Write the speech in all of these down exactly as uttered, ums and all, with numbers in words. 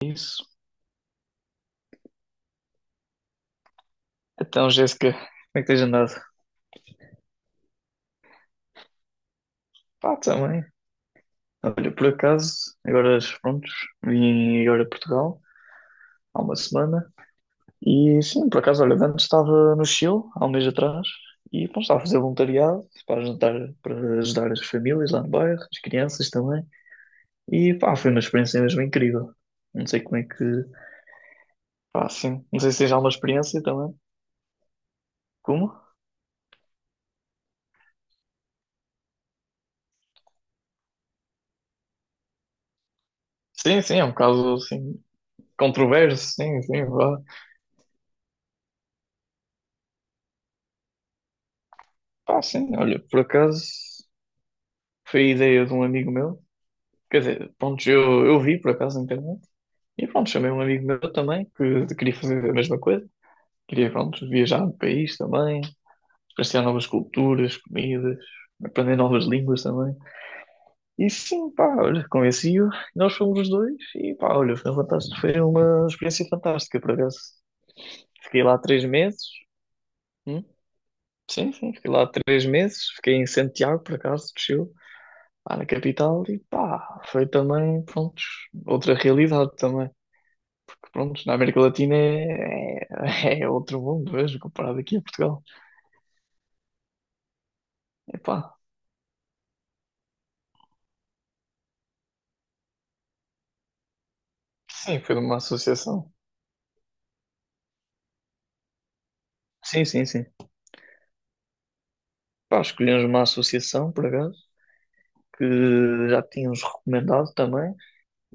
Isso. Então, Jéssica, como é que tens andado? Pá, também. Olha, por acaso, agora, prontos, vim agora a Portugal há uma semana e sim, por acaso, olha, antes estava no Chile há um mês atrás e pronto, estava a fazer voluntariado para ajudar, para ajudar as famílias lá no bairro, as crianças também e pá, foi uma experiência mesmo incrível. Não sei como é que, pá, sim, não sei se tens alguma experiência também. Como? Sim, sim, é um caso, assim, controverso, sim, sim, vá. Pá, sim, olha, por acaso. Foi a ideia de um amigo meu. Quer dizer, pronto, eu, eu vi por acaso na internet. E pronto, chamei um amigo meu também, que queria fazer a mesma coisa. Queria, pronto, viajar no país também, experienciar novas culturas, comidas, aprender novas línguas também. E sim, pá, olha, convenci-o. Nós fomos os dois e pá, olha, foi fantástico. Foi uma experiência fantástica, por acaso. Fiquei lá três meses. Hum? Sim, sim, fiquei lá três meses. Fiquei em Santiago, por acaso, do Chile. Lá na capital e pá, foi também, prontos, outra realidade também. Porque, prontos, na América Latina é, é, é outro mundo, vejo, comparado aqui a Portugal. E pá, sim, foi de uma associação. Sim, sim, sim. Pá, escolhemos uma associação, por acaso, que já tínhamos recomendado também.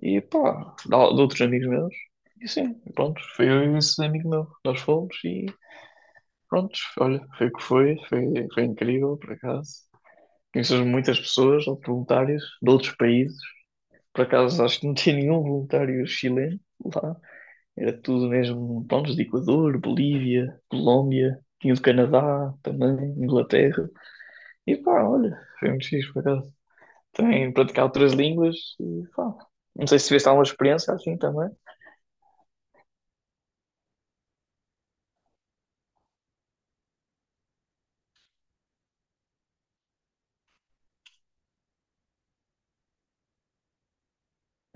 E pá, de, de outros amigos meus. E sim, pronto, foi eu e esse amigo meu. Nós fomos e pronto, olha, foi o que foi, foi, foi incrível, por acaso. Conheces muitas pessoas, voluntários de outros países. Por acaso acho que não tinha nenhum voluntário chileno lá. Era tudo mesmo, pronto, de Equador, Bolívia, Colômbia, tinha do Canadá também, Inglaterra. E pá, olha, foi muito fixe por acaso. Também praticar outras línguas e pá. Não sei se tiveste alguma experiência assim também.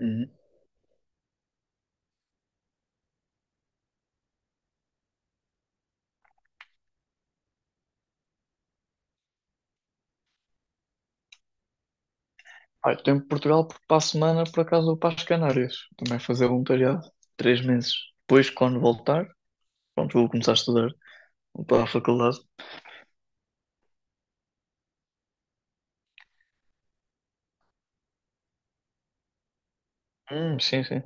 Uhum. Ah, eu estou em Portugal porque para a semana, por acaso, vou para as Canárias. Também fazer voluntariado. Três meses. Depois, quando voltar, pronto, vou começar a estudar. Vou para a faculdade. Hum, sim, sim.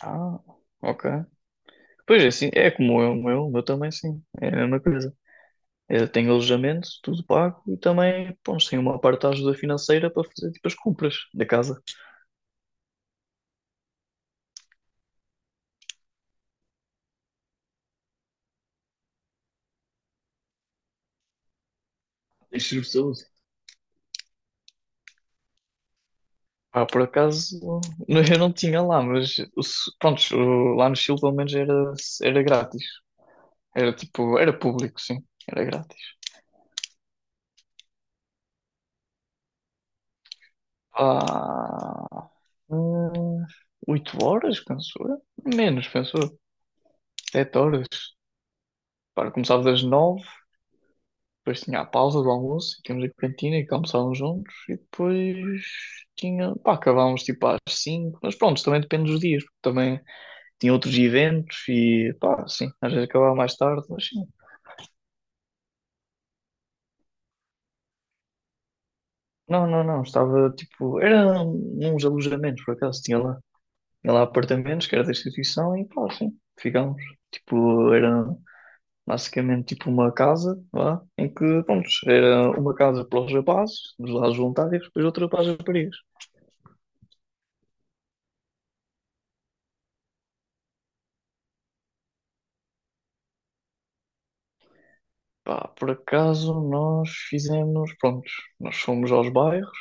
Ah, ok. Pois é, assim, é como eu, o meu, o meu também sim, é a mesma coisa. Eu tenho alojamento, tudo pago e também, pô, tenho uma parte da ajuda financeira para fazer tipo as compras da casa. Deixa-me saúde. Ah, por acaso, não- eu não tinha lá, mas o s- pronto, o- lá no Chile pelo menos era, era grátis. Era tipo, era público, sim, era grátis. Ah, hum, oito horas, penso eu. Menos, penso eu. Sete horas. Para, começava das nove. Depois tinha a pausa do almoço, tínhamos a cantina e que almoçávamos juntos, e depois tinha, pá, acabávamos tipo às cinco, mas pronto, também depende dos dias, porque também tinha outros eventos e pá, sim, às vezes acabava mais tarde, mas sim. Não, não, não, estava tipo, era uns alojamentos por acaso, tinha lá, tinha lá apartamentos que era da instituição e pá, sim, ficámos. Tipo, era basicamente tipo uma casa, lá, em que, pronto, era uma casa para os rapazes, dos lados voluntários, depois outra para as raparigas. Pá, por acaso nós fizemos, pronto, nós fomos aos bairros,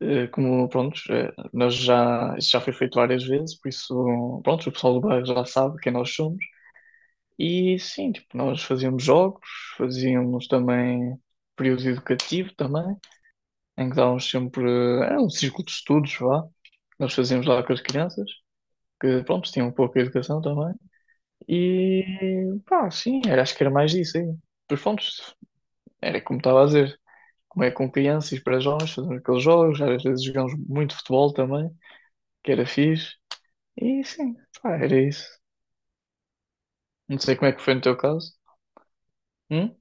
eh, como, pronto, eh, nós já, isso já foi feito várias vezes, por isso, pronto, o pessoal do bairro já sabe quem nós somos. E sim, tipo, nós fazíamos jogos, fazíamos também período educativo também, em que dávamos sempre, eh, era um círculo de estudos, vá, nós fazíamos lá com as crianças, que, pronto, tinham pouca educação também. E, pá, sim, era, acho que era mais isso aí. Pois, pronto, era como estava a dizer. Como é com crianças para jovens, fazendo aqueles jogos, às vezes jogamos muito futebol também, que era fixe, e sim, pá, era isso. Não sei como é que foi no teu caso. Hum?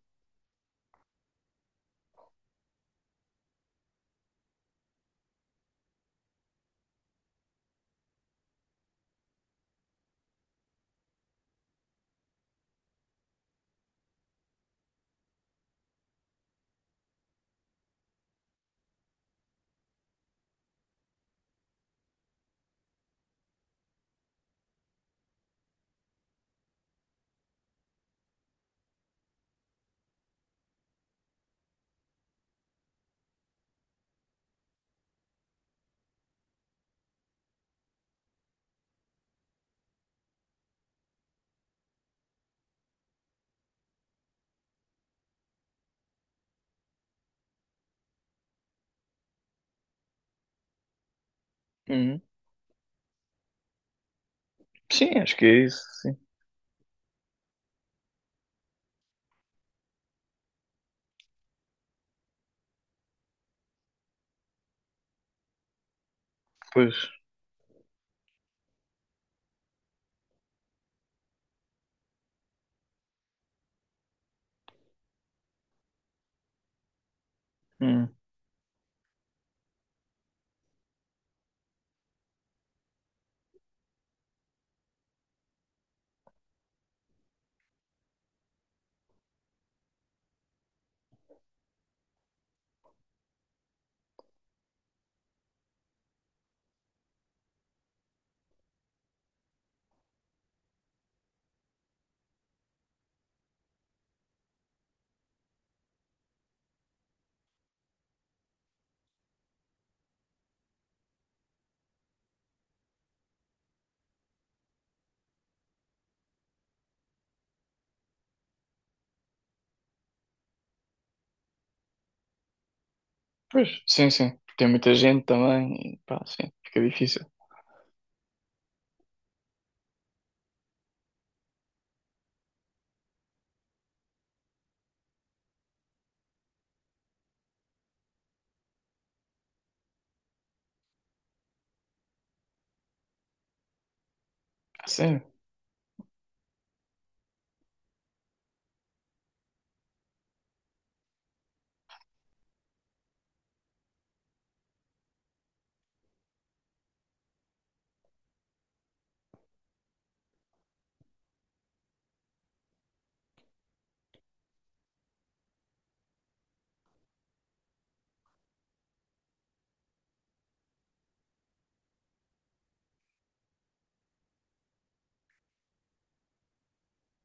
Hum. Sim, acho que é isso, sim. Pois, hum. Pois, sim, sim. Tem muita gente também, e pá, sim, fica difícil. Sim,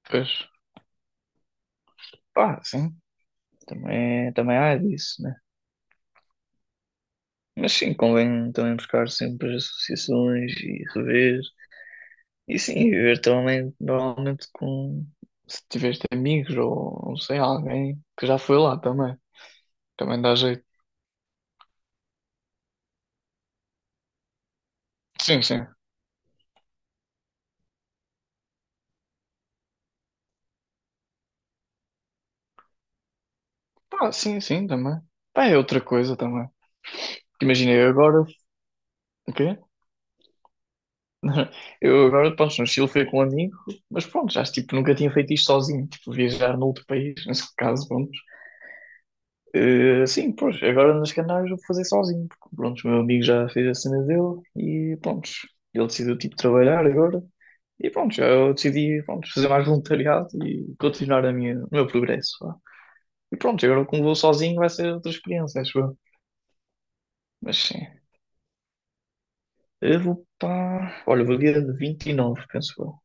pois, pá, sim, também, é, também há disso. Mas sim, convém também buscar sempre as associações e rever. E sim, viver também normalmente com, se tiveste amigos ou não sei, alguém que já foi lá também. Também dá jeito. Sim, sim. Pá, sim, sim, também. Pá, é outra coisa também. Imagina, eu agora. O quê? Eu agora, pronto, no Chile fui com um amigo, mas pronto, já tipo, nunca tinha feito isto sozinho, tipo, viajar noutro país, nesse caso, pronto. Eh, sim, pois, agora nos Canários vou fazer sozinho, porque pronto, o meu amigo já fez a cena dele e pronto, ele decidiu tipo trabalhar agora e pronto, já eu decidi pronto, fazer mais voluntariado e continuar a minha, o meu progresso, vá. E pronto, agora como vou sozinho vai ser outra experiência, acho eu. Mas sim, eu vou para. Olha, vou dia de vinte e nove, penso eu.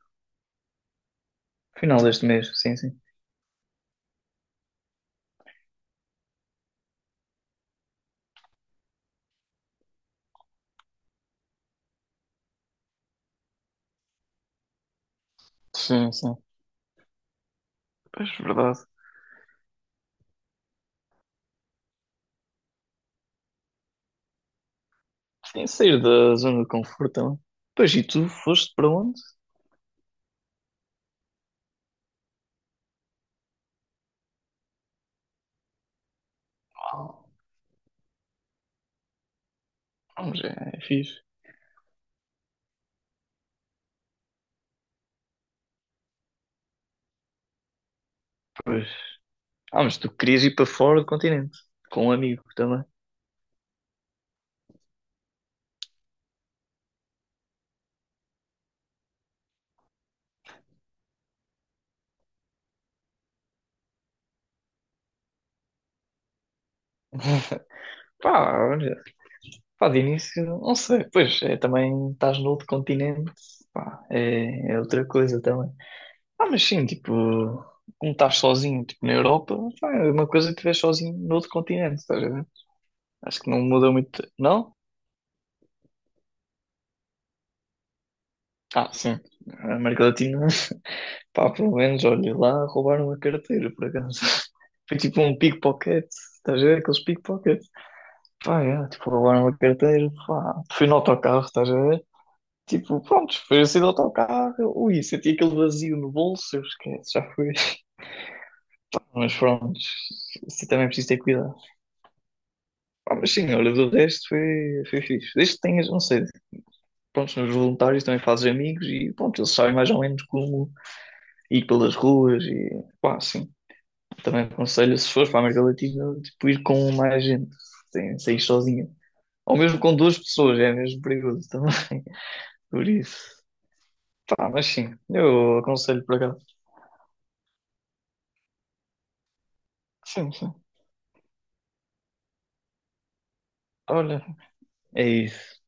Final deste mês, sim, sim. Sim, sim. Pois, verdade. Sem sair da zona de conforto também. Pois, e tu foste para onde? Ah, vamos, é, é fixe. Pois. Ah, mas tu querias ir para fora do continente, com um amigo também. Pá, olha, pá, de início, não sei, pois é, também estás no outro continente, pá, é, é outra coisa também. Ah, mas sim, tipo, como estás sozinho, tipo, na Europa, pá, é uma coisa que estiveres sozinho no outro continente, estás a ver? Acho que não muda muito, não? Ah, sim, a América Latina, pá, pelo menos, olha, lá roubaram a carteira, por acaso. Foi tipo um pickpocket, estás a ver aqueles pickpockets? Pá, é, tipo, roubaram uma carteira, pá. Fui no autocarro, estás a ver? Tipo, pronto, foi assim do autocarro, ui, senti aquele vazio no bolso, eu esquece, já foi. Mas pronto, assim também é preciso ter cuidado. Pá, mas sim, olha, do resto foi, foi, fixe. Desde que tenhas, não sei, pronto, nos voluntários também fazes amigos e pronto, eles sabem mais ou menos como ir pelas ruas e pá, sim. Também aconselho, se fores para a América Latina, tipo, ir com mais gente, sem sair sozinha. Ou mesmo com duas pessoas, é mesmo perigoso também. Por isso. Tá, mas sim, eu aconselho por acaso. Sim, sim. Olha, é isso.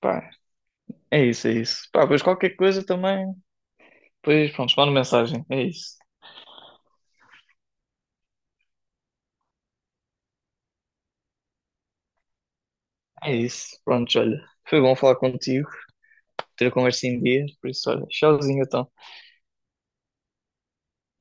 Pá, é isso, é isso. Pá, pois qualquer coisa também. Pois, pronto, manda mensagem. É isso. É isso. Pronto, olha. Foi bom falar contigo, ter a conversa em dia. Por isso, olha, tchauzinho então.